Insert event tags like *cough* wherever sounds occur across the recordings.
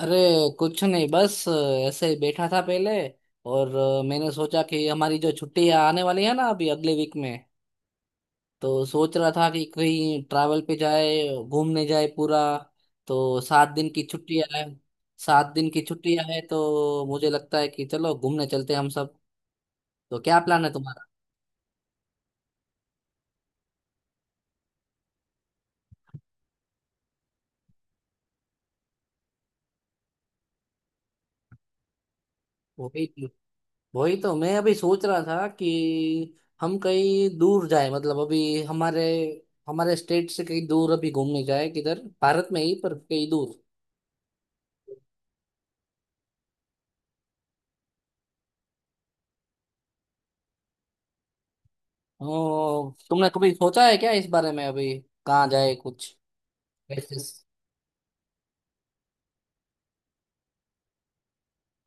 अरे, कुछ नहीं, बस ऐसे ही बैठा था पहले। और मैंने सोचा कि हमारी जो छुट्टियां आने वाली है ना, अभी अगले वीक में तो सोच रहा था कि कहीं ट्रैवल पे जाए, घूमने जाए पूरा। तो 7 दिन की छुट्टियां है। सात दिन की छुट्टियां है तो मुझे लगता है कि चलो, घूमने चलते हैं हम सब। तो क्या प्लान है तुम्हारा? वो भी वही तो मैं अभी सोच रहा था कि हम कहीं दूर जाए। मतलब अभी हमारे हमारे स्टेट से कहीं दूर अभी घूमने जाए, किधर भारत में ही पर कहीं दूर। ओ, तुमने कभी सोचा है क्या इस बारे में अभी? कहाँ जाए कुछ ऐसे।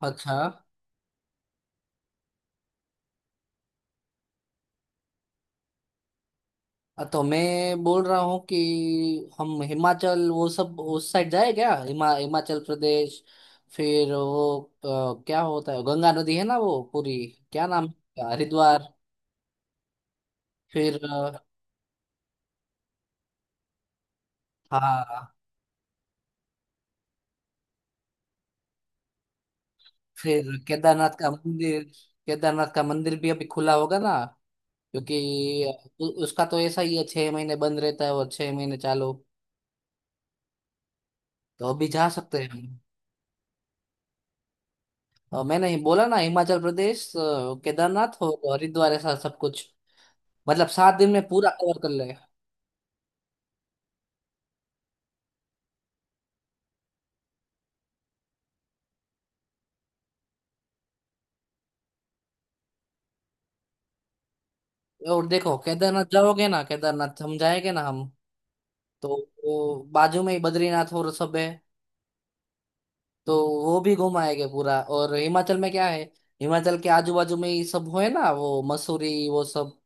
अच्छा, तो मैं बोल रहा हूँ कि हम हिमाचल वो सब उस साइड जाए क्या, हिमाचल प्रदेश। फिर वो क्या होता है, गंगा नदी है ना वो पूरी, क्या नाम है उसका? हरिद्वार। फिर हाँ। फिर केदारनाथ का मंदिर, केदारनाथ का मंदिर भी अभी खुला होगा ना? क्योंकि उसका तो ऐसा ही है, 6 महीने बंद रहता है और 6 महीने चालू। तो अभी जा सकते हैं हम। और मैंने ही बोला ना, हिमाचल प्रदेश, केदारनाथ और हरिद्वार, ऐसा सब कुछ। मतलब 7 दिन में पूरा कवर कर ले। और देखो, केदारनाथ जाओगे ना, केदारनाथ हम जाएंगे ना हम, तो वो बाजू में ही बद्रीनाथ और सब है। तो वो भी घुमाएंगे पूरा। और हिमाचल में क्या है, हिमाचल के आजू बाजू में ये सब हुए ना, वो मसूरी वो सब।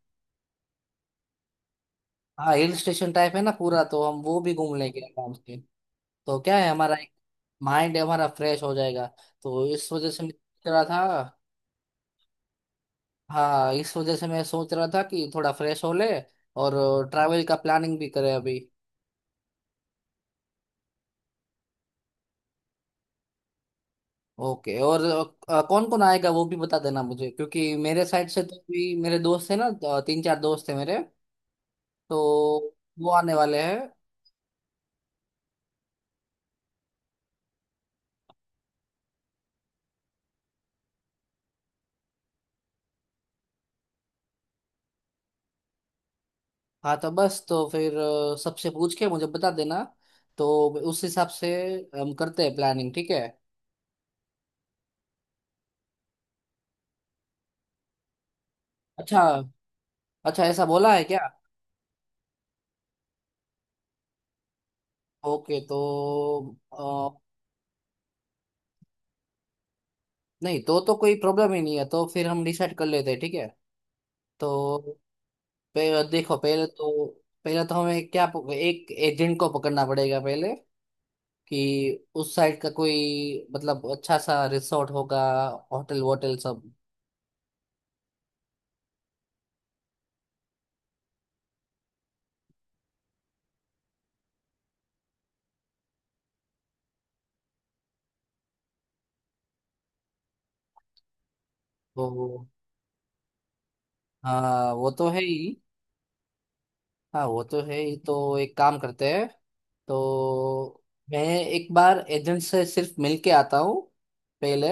हाँ, हिल स्टेशन टाइप है ना पूरा, तो हम वो भी घूम लेंगे आराम से। तो क्या है हमारा एक, माइंड हमारा फ्रेश हो जाएगा। तो इस वजह से मैं सोच रहा था। हाँ, इस वजह से मैं सोच रहा था कि थोड़ा फ्रेश हो ले, और ट्रैवल का प्लानिंग भी करें अभी। ओके। और कौन कौन आएगा वो भी बता देना मुझे, क्योंकि मेरे साइड से तो भी मेरे दोस्त है ना। तीन चार दोस्त है मेरे, तो वो आने वाले हैं। हाँ, तो बस, तो फिर सबसे पूछ के मुझे बता देना। तो उस हिसाब से हम करते हैं प्लानिंग, ठीक है। अच्छा। अच्छा, ऐसा बोला है क्या? ओके, तो अ, नहीं तो कोई प्रॉब्लम ही नहीं है, तो फिर हम डिसाइड कर लेते हैं, ठीक है। तो देखो, पहले तो हमें क्या एक एजेंट को पकड़ना पड़ेगा पहले। कि उस साइड का कोई, मतलब अच्छा सा रिसोर्ट होगा, होटल वोटल सब। तो हाँ, वो तो है ही। हाँ, वो तो है ही, तो एक काम करते हैं। तो मैं एक बार एजेंट से सिर्फ मिल के आता हूँ पहले।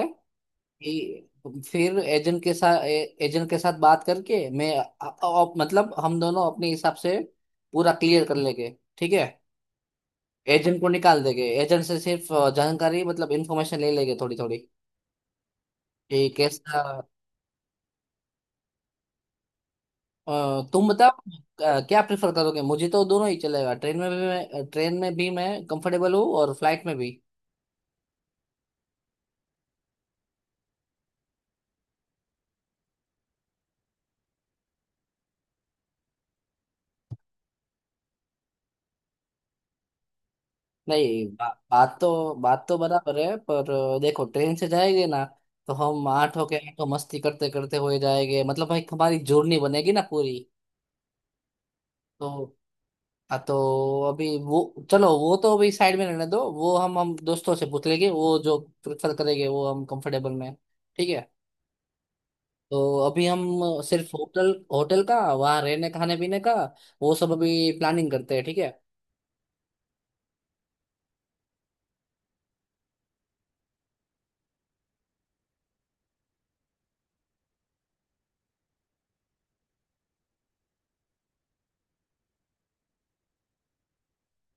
फिर एजेंट के साथ बात करके मैं मतलब हम दोनों अपने हिसाब से पूरा क्लियर कर लेंगे, ठीक है। एजेंट को निकाल देंगे, एजेंट से सिर्फ जानकारी, मतलब इंफॉर्मेशन ले लेंगे थोड़ी थोड़ी। ये कैसा? तुम बताओ। क्या प्रेफर करोगे? मुझे तो दोनों ही चलेगा, ट्रेन में भी मैं कंफर्टेबल हूँ और फ्लाइट में भी। नहीं, बात तो बराबर है, पर देखो, ट्रेन से जाएंगे ना, तो हम आठ होके आठों मस्ती करते करते हुए जाएंगे, मतलब भाई हमारी जर्नी बनेगी ना पूरी। तो हाँ तो अभी वो, चलो वो तो अभी साइड में रहने दो। वो हम दोस्तों से पूछ लेंगे वो जो प्रेफर करेंगे, वो हम कंफर्टेबल में, ठीक है। तो अभी हम सिर्फ होटल होटल का, वहाँ रहने खाने पीने का वो सब अभी प्लानिंग करते हैं, ठीक है।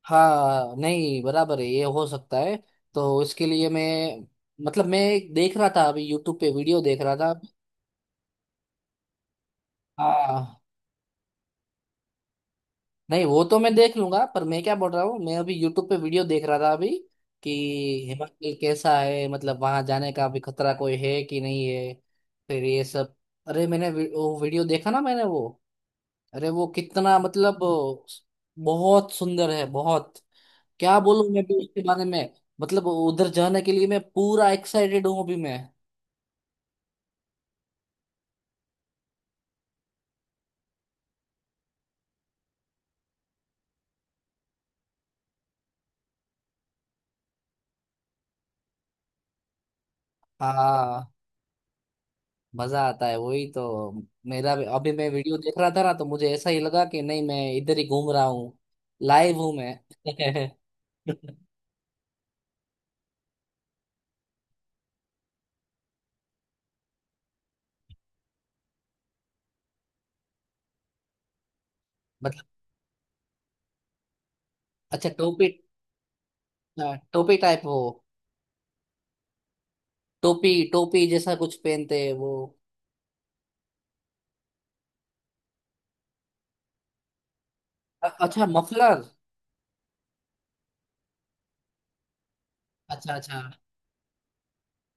हाँ, नहीं बराबर है, ये हो सकता है। तो इसके लिए मैं, मतलब मैं देख रहा था अभी, यूट्यूब पे वीडियो देख रहा था। हाँ, नहीं वो तो मैं देख लूंगा, पर मैं क्या बोल रहा हूँ, मैं अभी यूट्यूब पे वीडियो देख रहा था अभी कि हिमाचल कैसा है, मतलब वहां जाने का भी खतरा कोई है कि नहीं है, फिर ये सब। अरे मैंने वो वीडियो देखा ना मैंने वो, अरे वो कितना, मतलब बहुत सुंदर है, बहुत क्या बोलूं मैं भी उसके बारे में। मतलब उधर जाने के लिए मैं पूरा एक्साइटेड हूँ अभी मैं। हाँ, मजा आता है वही तो। अभी मैं वीडियो देख रहा था ना, तो मुझे ऐसा ही लगा कि नहीं, मैं इधर ही घूम रहा हूँ, लाइव हूँ मैं। *laughs* मतलब, अच्छा टोपी। हाँ, टोपी टाइप हो। टोपी टोपी जैसा कुछ पहनते हैं वो। अच्छा, मफलर। अच्छा अच्छा।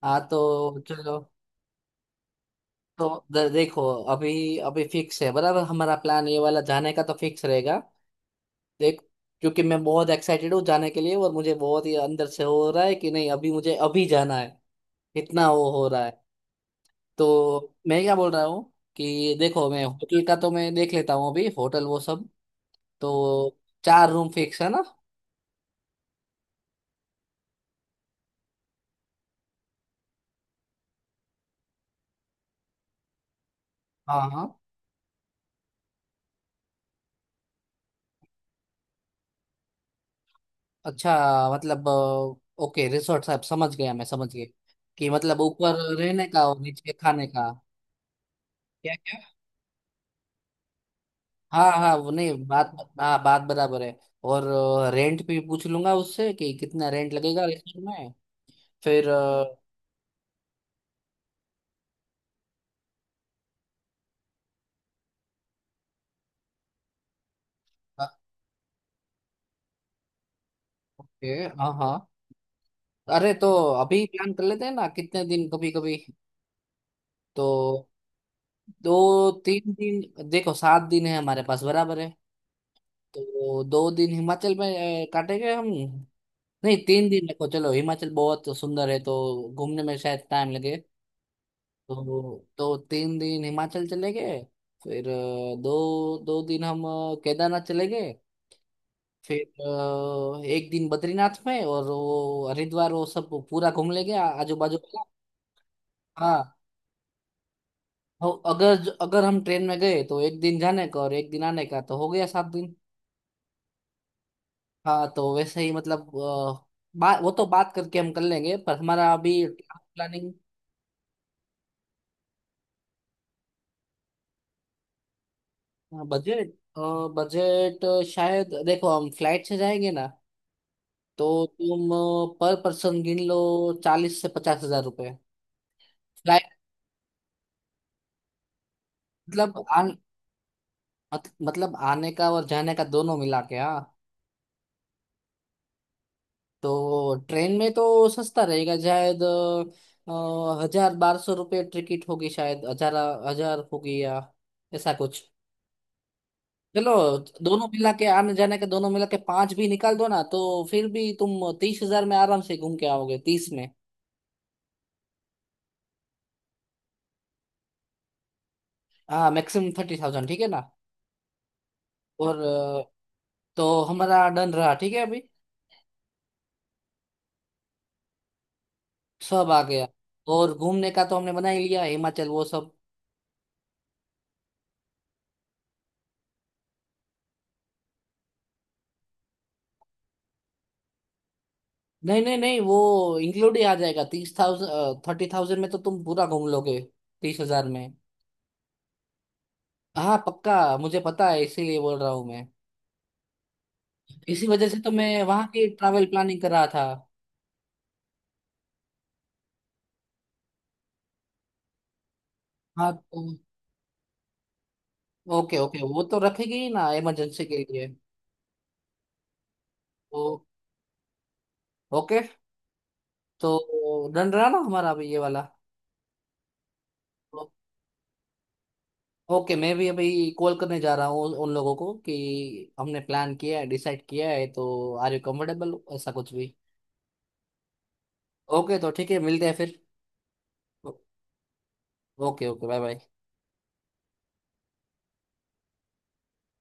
हाँ तो चलो। तो देखो अभी, अभी फिक्स है बराबर हमारा प्लान, ये वाला जाने का तो फिक्स रहेगा देख। क्योंकि मैं बहुत एक्साइटेड हूँ जाने के लिए, और मुझे बहुत ही अंदर से हो रहा है कि नहीं, अभी मुझे अभी जाना है, इतना वो हो रहा है। तो मैं क्या बोल रहा हूँ कि देखो, मैं होटल का तो मैं देख लेता हूँ अभी, होटल वो सब। तो चार रूम फिक्स है ना? हाँ हाँ। अच्छा मतलब, ओके रिसोर्ट साहब, समझ गया, मैं समझ गया कि मतलब ऊपर रहने का और नीचे खाने का। क्या क्या। हाँ हाँ वो नहीं, बात, हाँ बात बराबर है। और रेंट भी पूछ लूंगा उससे कि कितना रेंट लगेगा रेस्टोरेंट में। फिर ओके हाँ हाँ। अरे तो अभी प्लान कर लेते हैं ना कितने दिन, कभी कभी। तो 2 3 दिन, देखो 7 दिन है हमारे पास, बराबर है। तो 2 दिन हिमाचल में काटेंगे हम। नहीं, 3 दिन देखो, चलो हिमाचल बहुत सुंदर है, तो घूमने में शायद टाइम लगे। तो 3 दिन हिमाचल चले गए। फिर दो दो दिन हम केदारनाथ चले गए। फिर 1 दिन बद्रीनाथ में, और वो हरिद्वार वो सब पूरा घूम लेंगे आजू बाजू का। हाँ और अगर अगर हम ट्रेन में गए तो 1 दिन जाने का और 1 दिन आने का, तो हो गया 7 दिन। हाँ तो वैसे ही, मतलब वो तो बात करके हम कर लेंगे, पर हमारा अभी प्लानिंग। हाँ, बजट बजट शायद, देखो हम फ्लाइट से जाएंगे ना, तो तुम पर पर्सन गिन लो, 40 से 50 हजार रुपए, फ्लाइट। मतलब मत, मतलब आने का और जाने का दोनों मिला के, हाँ, तो ट्रेन में तो सस्ता रहेगा शायद, 1000 1200 रुपये टिकट होगी, शायद हजार हजार होगी या ऐसा कुछ। चलो, दोनों मिला के आने जाने के, दोनों मिला के पांच भी निकाल दो ना, तो फिर भी तुम 30 हजार में आराम से घूम के आओगे, 30 में। हाँ, मैक्सिमम 30,000, ठीक है ना। और तो हमारा डन रहा, ठीक है अभी, सब आ गया। और घूमने का तो हमने बना ही लिया हिमाचल वो सब। नहीं नहीं नहीं वो इंक्लूड ही आ जाएगा 30,000 30,000 में, तो तुम पूरा घूम लोगे 30 हजार में। हाँ पक्का, मुझे पता है, इसीलिए बोल रहा हूँ मैं। इसी वजह से तो मैं वहाँ की ट्रैवल प्लानिंग कर रहा था। हाँ तो ओके, ओके वो तो रखेगी ही ना इमरजेंसी के लिए। तो ओके। तो डन रहा ना हमारा अभी ये वाला। तो, ओके मैं भी अभी कॉल करने जा रहा हूँ उन उन लोगों को, कि हमने प्लान किया है, डिसाइड किया है, तो आर यू कंफर्टेबल, ऐसा कुछ भी। ओके, तो ठीक है, मिलते हैं फिर। Okay okay. Bye bye.